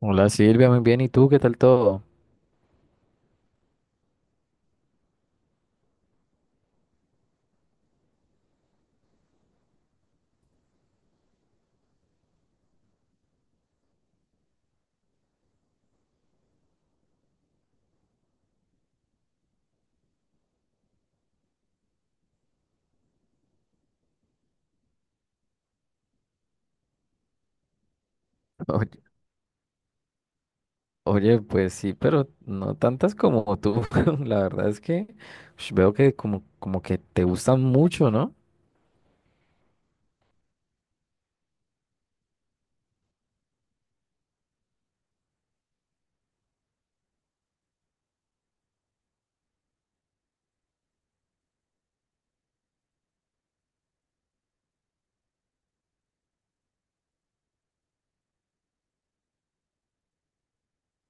Hola Silvia, muy bien. ¿Y tú qué tal todo? Oye, oye, pues sí, pero no tantas como tú. La verdad es que veo que como que te gustan mucho, ¿no?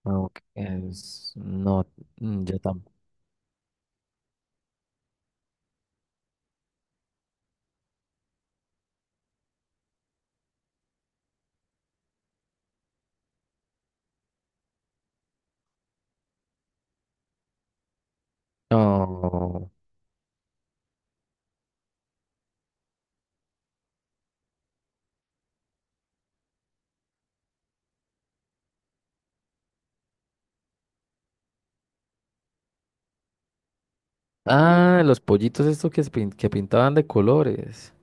No, mm, yo tampoco. No. Ah, los pollitos estos que pintaban de colores.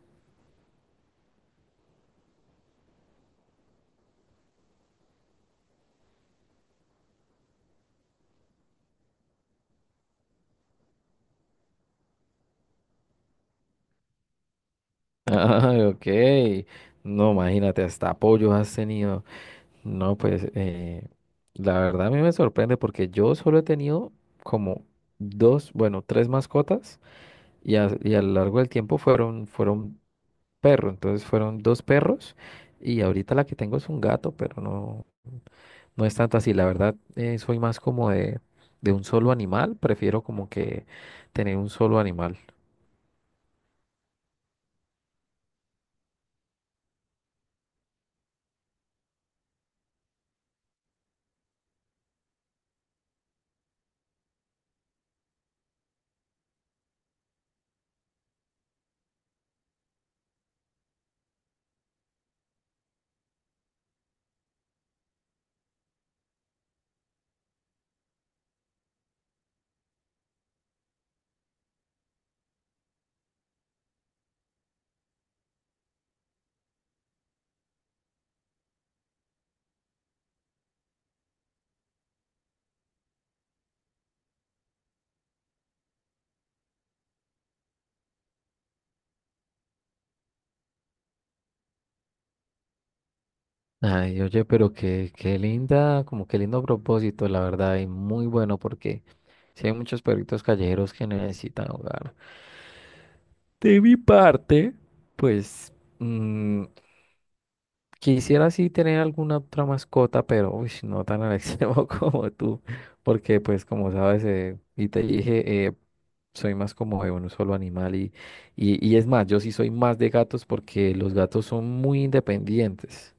Ah, ok. No, imagínate, hasta apoyos has tenido. No, pues la verdad a mí me sorprende porque yo solo he tenido como dos, bueno, tres mascotas. Y a lo largo del tiempo fueron perro, entonces fueron dos perros y ahorita la que tengo es un gato, pero no, no es tanto así. La verdad, soy más como de un solo animal, prefiero como que tener un solo animal. Ay, oye, pero qué linda, como qué lindo propósito, la verdad, y muy bueno porque si hay muchos perritos callejeros que necesitan hogar. De mi parte, pues... mm, quisiera sí tener alguna otra mascota, pero uy, no tan al extremo como tú, porque pues como sabes, y te dije, soy más como de un solo animal y es más, yo sí soy más de gatos porque los gatos son muy independientes.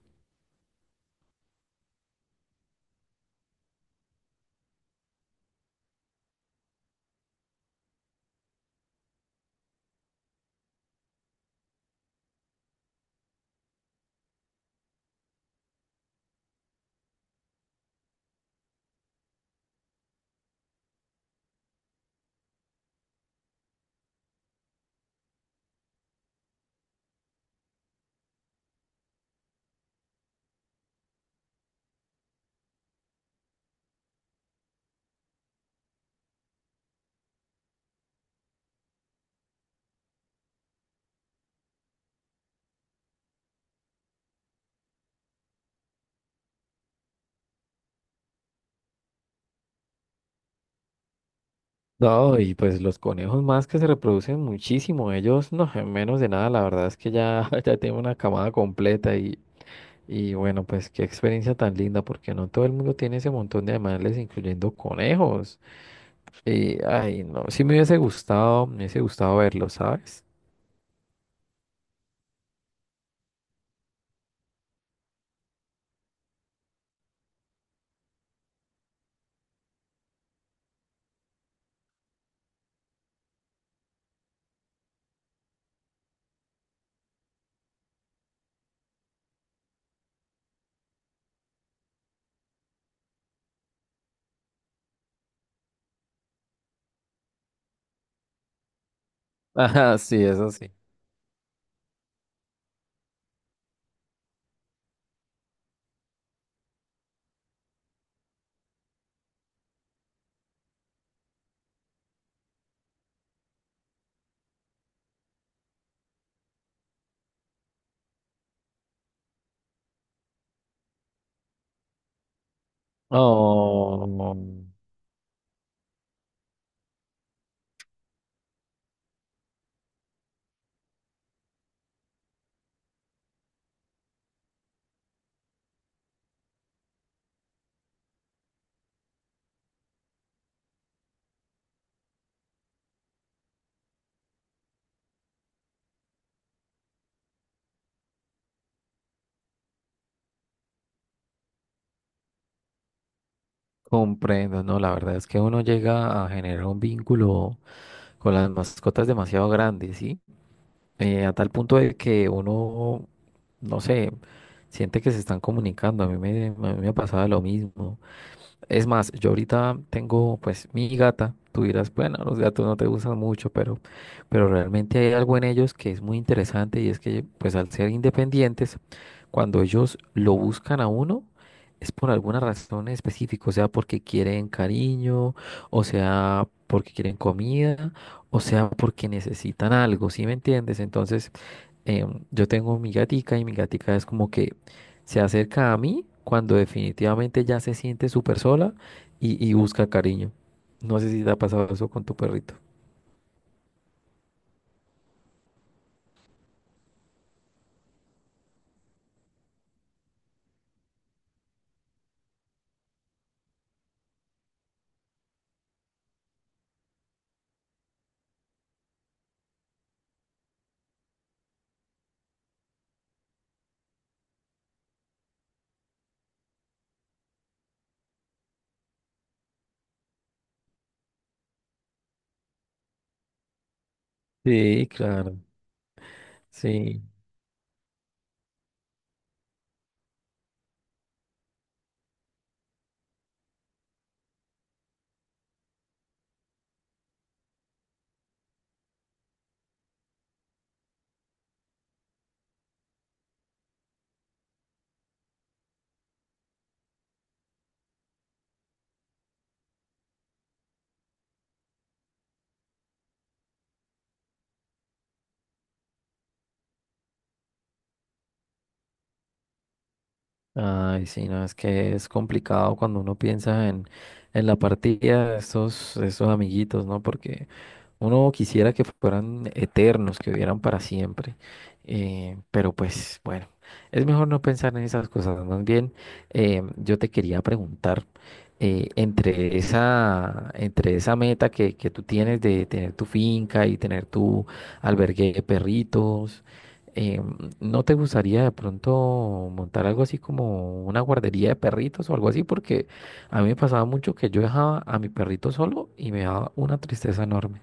No, y pues los conejos más que se reproducen muchísimo, ellos no, en menos de nada, la verdad es que ya, ya tengo una camada completa y bueno, pues qué experiencia tan linda, porque no todo el mundo tiene ese montón de animales, incluyendo conejos. Y, ay, no, sí me hubiese gustado verlo, ¿sabes? Ajá, sí, eso sí. Oh, comprendo, no, la verdad es que uno llega a generar un vínculo con las mascotas demasiado grande, ¿sí? A tal punto de que uno, no sé, siente que se están comunicando, a mí me pasaba lo mismo. Es más, yo ahorita tengo pues mi gata. Tú dirás, bueno, los gatos no te gustan mucho, pero realmente hay algo en ellos que es muy interesante y es que pues al ser independientes, cuando ellos lo buscan a uno, es por alguna razón específica, o sea, porque quieren cariño, o sea, porque quieren comida, o sea, porque necesitan algo, ¿sí me entiendes? Entonces, yo tengo mi gatica y mi gatica es como que se acerca a mí cuando definitivamente ya se siente súper sola y busca cariño. No sé si te ha pasado eso con tu perrito. Sí, claro. Sí. Ay, sí, no, es que es complicado cuando uno piensa en la partida de estos amiguitos, ¿no? Porque uno quisiera que fueran eternos, que vivieran para siempre, pero pues bueno, es mejor no pensar en esas cosas. Más bien, yo te quería preguntar, entre entre esa meta que tú tienes de tener tu finca y tener tu albergue de perritos, eh, ¿no te gustaría de pronto montar algo así como una guardería de perritos o algo así? Porque a mí me pasaba mucho que yo dejaba a mi perrito solo y me daba una tristeza enorme.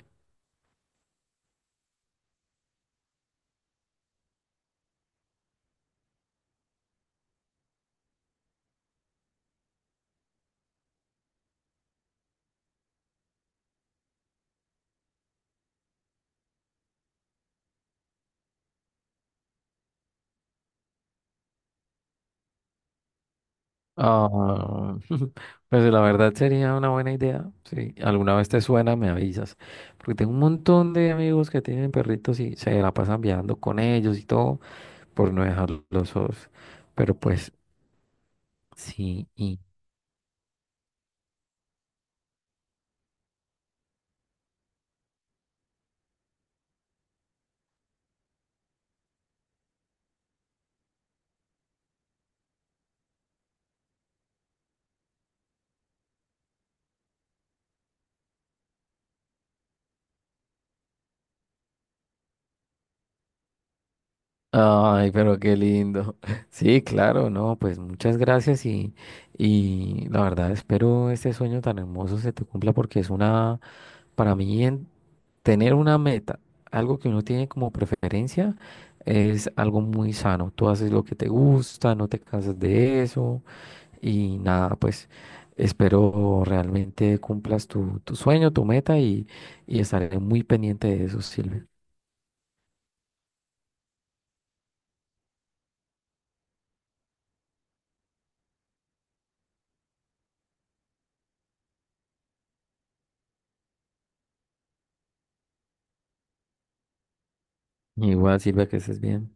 Ah, pues la verdad sería una buena idea. Si alguna vez te suena, me avisas. Porque tengo un montón de amigos que tienen perritos y se la pasan viajando con ellos y todo por no dejarlos solos. Pero pues sí. Y- ay, pero qué lindo. Sí, claro, no, pues muchas gracias y la verdad espero este sueño tan hermoso se te cumpla porque es una, para mí en- Tener una meta, algo que uno tiene como preferencia, es algo muy sano. Tú haces lo que te gusta, no te cansas de eso y nada, pues espero realmente cumplas tu sueño, tu meta y estaré muy pendiente de eso, Silvia. Igual, Silvia, que estés bien.